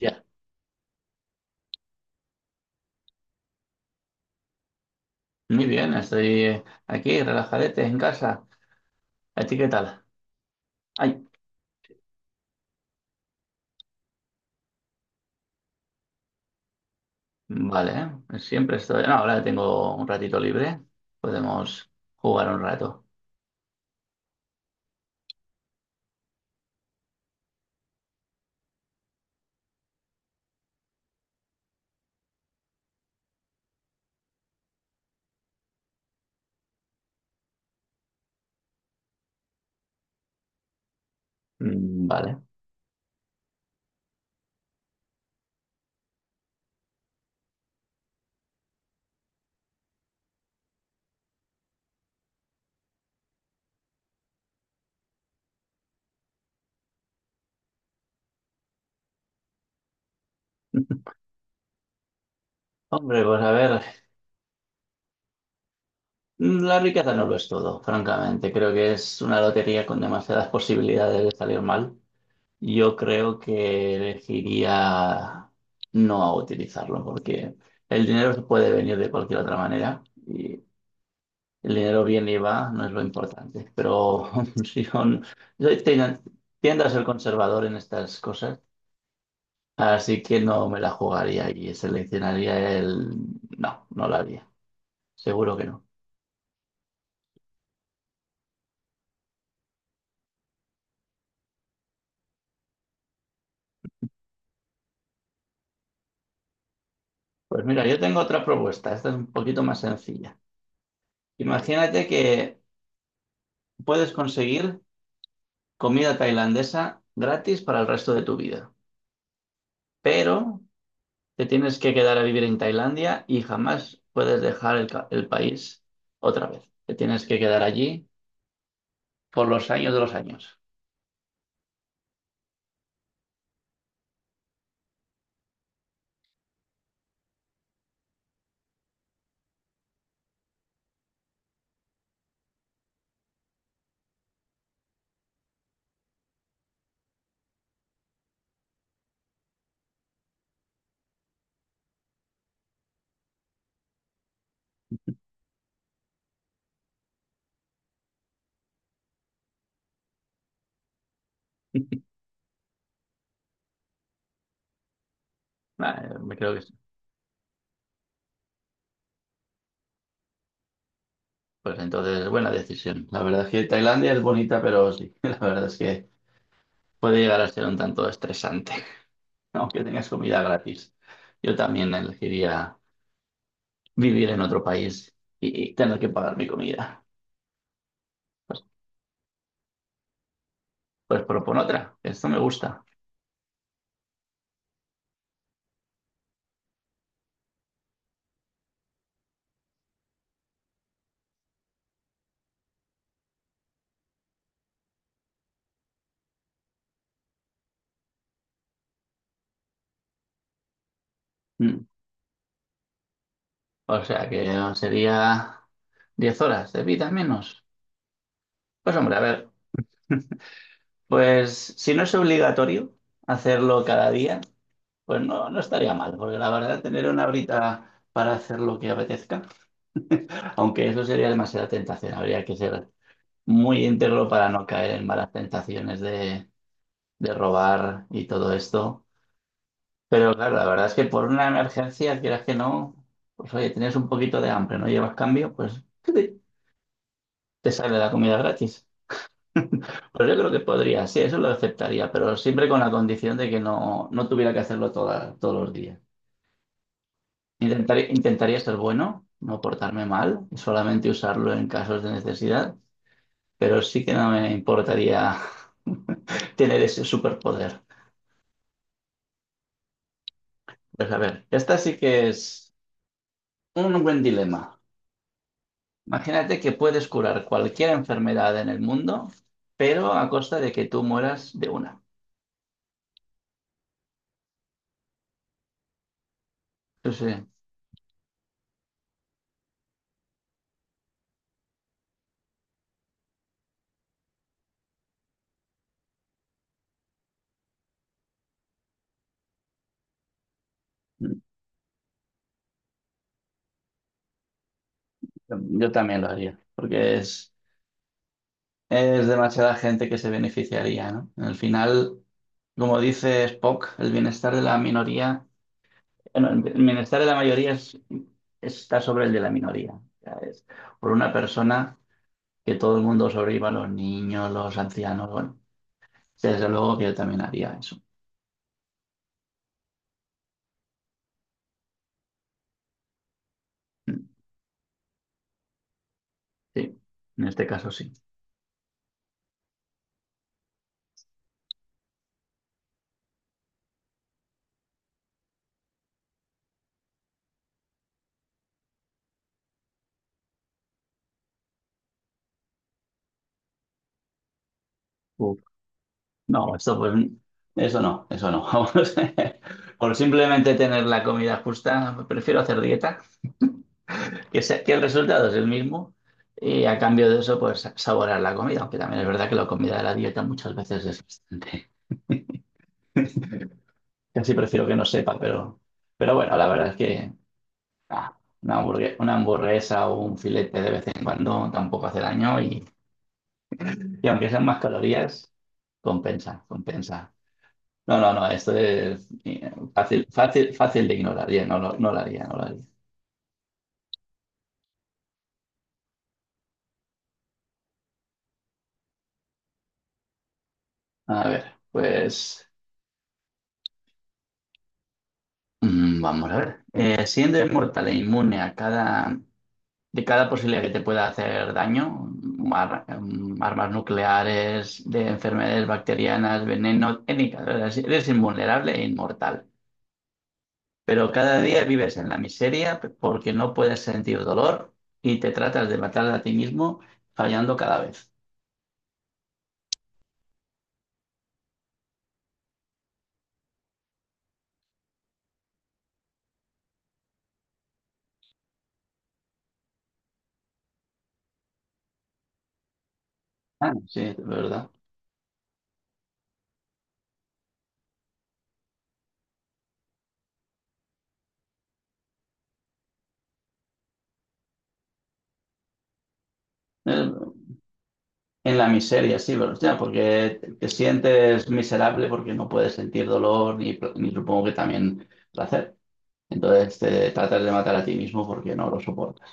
Ya, muy bien, estoy aquí relajadete en casa. ¿A ti qué tal? Ay, vale, ¿eh? Siempre estoy. No, ahora tengo un ratito libre, podemos jugar un rato. Mm, vale. Hombre, pues a ver, la riqueza no lo es todo, francamente. Creo que es una lotería con demasiadas posibilidades de salir mal. Yo creo que elegiría no utilizarlo, porque el dinero se puede venir de cualquier otra manera. El dinero viene y va, no es lo importante. Pero si yo, no- yo ten- tiendo a ser conservador en estas cosas, así que no me la jugaría y seleccionaría el... No, no la haría. Seguro que no. Pues mira, yo tengo otra propuesta. Esta es un poquito más sencilla. Imagínate que puedes conseguir comida tailandesa gratis para el resto de tu vida, pero te tienes que quedar a vivir en Tailandia y jamás puedes dejar el país otra vez. Te tienes que quedar allí por los años de los años. Nah, me creo que sí. Pues entonces, buena decisión. La verdad es que Tailandia es bonita, pero sí, la verdad es que puede llegar a ser un tanto estresante, aunque tengas comida gratis. Yo también elegiría vivir en otro país y tener que pagar mi comida. Pues propon otra, esto me gusta. Mm. O sea que sería 10 horas de vida menos. Pues hombre, a ver, pues si no es obligatorio hacerlo cada día, pues no, no estaría mal, porque la verdad tener una horita para hacer lo que apetezca, aunque eso sería demasiada tentación, habría que ser muy íntegro para no caer en malas tentaciones de robar y todo esto. Pero claro, la verdad es que por una emergencia, quieras que no, pues oye, tienes un poquito de hambre, no llevas cambio, pues te sale la comida gratis. Pues yo creo que podría, sí, eso lo aceptaría, pero siempre con la condición de que no, no tuviera que hacerlo todos los días. Intentaría ser bueno, no portarme mal, y solamente usarlo en casos de necesidad, pero sí que no me importaría tener ese superpoder. Pues a ver, esta sí que es un buen dilema. Imagínate que puedes curar cualquier enfermedad en el mundo, pero a costa de que tú mueras de una. Sí, sí, yo también lo haría, porque es demasiada gente que se beneficiaría, ¿no? Al final, como dice Spock, el bienestar de la minoría... Bueno, el bienestar de la mayoría es- está sobre el de la minoría, ya es... Por una persona que todo el mundo sobreviva, los niños, los ancianos, bueno, desde luego que yo también haría eso. Mm, sí, en este caso sí. Uf. No, esto pues, eso no, eso no. Vamos. Por simplemente tener la comida justa, prefiero hacer dieta, que el resultado es el mismo y a cambio de eso, pues saborear la comida, aunque también es verdad que la comida de la dieta muchas veces es bastante. Casi prefiero que no sepa, pero bueno, la verdad es que ah, una hamburguesa o un filete de vez en cuando tampoco hace daño y aunque sean más calorías, compensa, compensa. No, no, no, esto es fácil, fácil, fácil de ignorar, ya, no, no lo haría, no lo haría. A ver, pues vamos a ver. Siendo inmortal e inmune a cada de cada posibilidad que te pueda hacer daño, armas nucleares, de enfermedades bacterianas, veneno, técnicas, eres... Si eres invulnerable e inmortal. Pero cada día vives en la miseria porque no puedes sentir dolor y te tratas de matar a ti mismo fallando cada vez. Ah, sí, de verdad. Eh, En la miseria, sí, pero hostia, porque te sientes miserable porque no puedes sentir dolor ni supongo que también placer. Entonces te tratas de matar a ti mismo porque no lo soportas.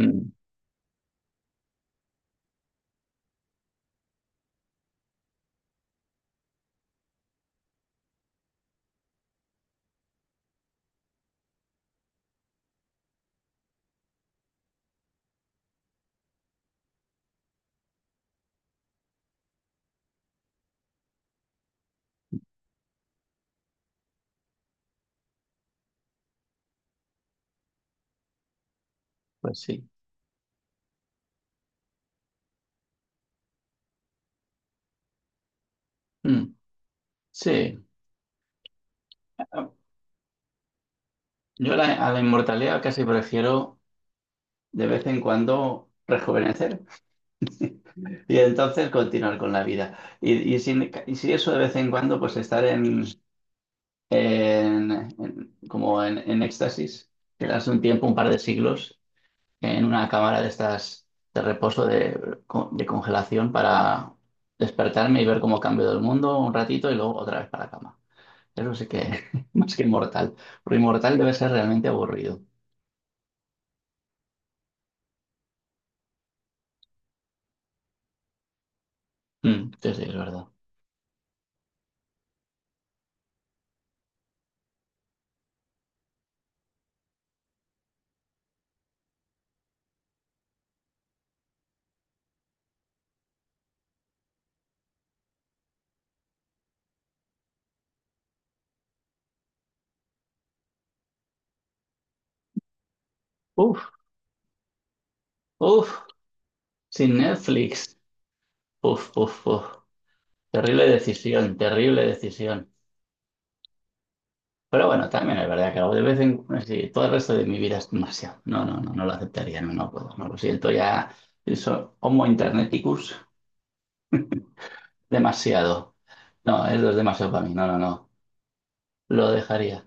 Mm, pues sí. Mm, sí. Ah, a la inmortalidad casi prefiero de vez en cuando rejuvenecer y entonces continuar con la vida. Y si eso de vez en cuando, pues estar en- como en éxtasis, quedarse un tiempo, un par de siglos, en una cámara de estas de reposo, de congelación para despertarme y ver cómo cambio el mundo un ratito y luego otra vez para la cama. Eso sí que más que inmortal. Pero inmortal debe ser realmente aburrido. Mm, sí, sí, es verdad. Uf, uf, sin Netflix. Uf, uf, uf. Terrible decisión, terrible decisión. Pero bueno, también es verdad que de vez en cuando, sí, todo el resto de mi vida es demasiado. No, no, no, no lo aceptaría, no, no puedo, no lo siento ya. Eso, Homo interneticus, demasiado. No, eso es demasiado para mí, no, no, no, lo dejaría.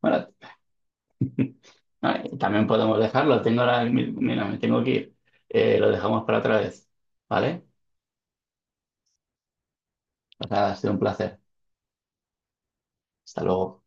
Bueno, ah, y también podemos dejarlo, tengo ahora, mira, me tengo que ir. Lo dejamos para otra vez, ¿vale? O sea, ha sido un placer. Hasta luego.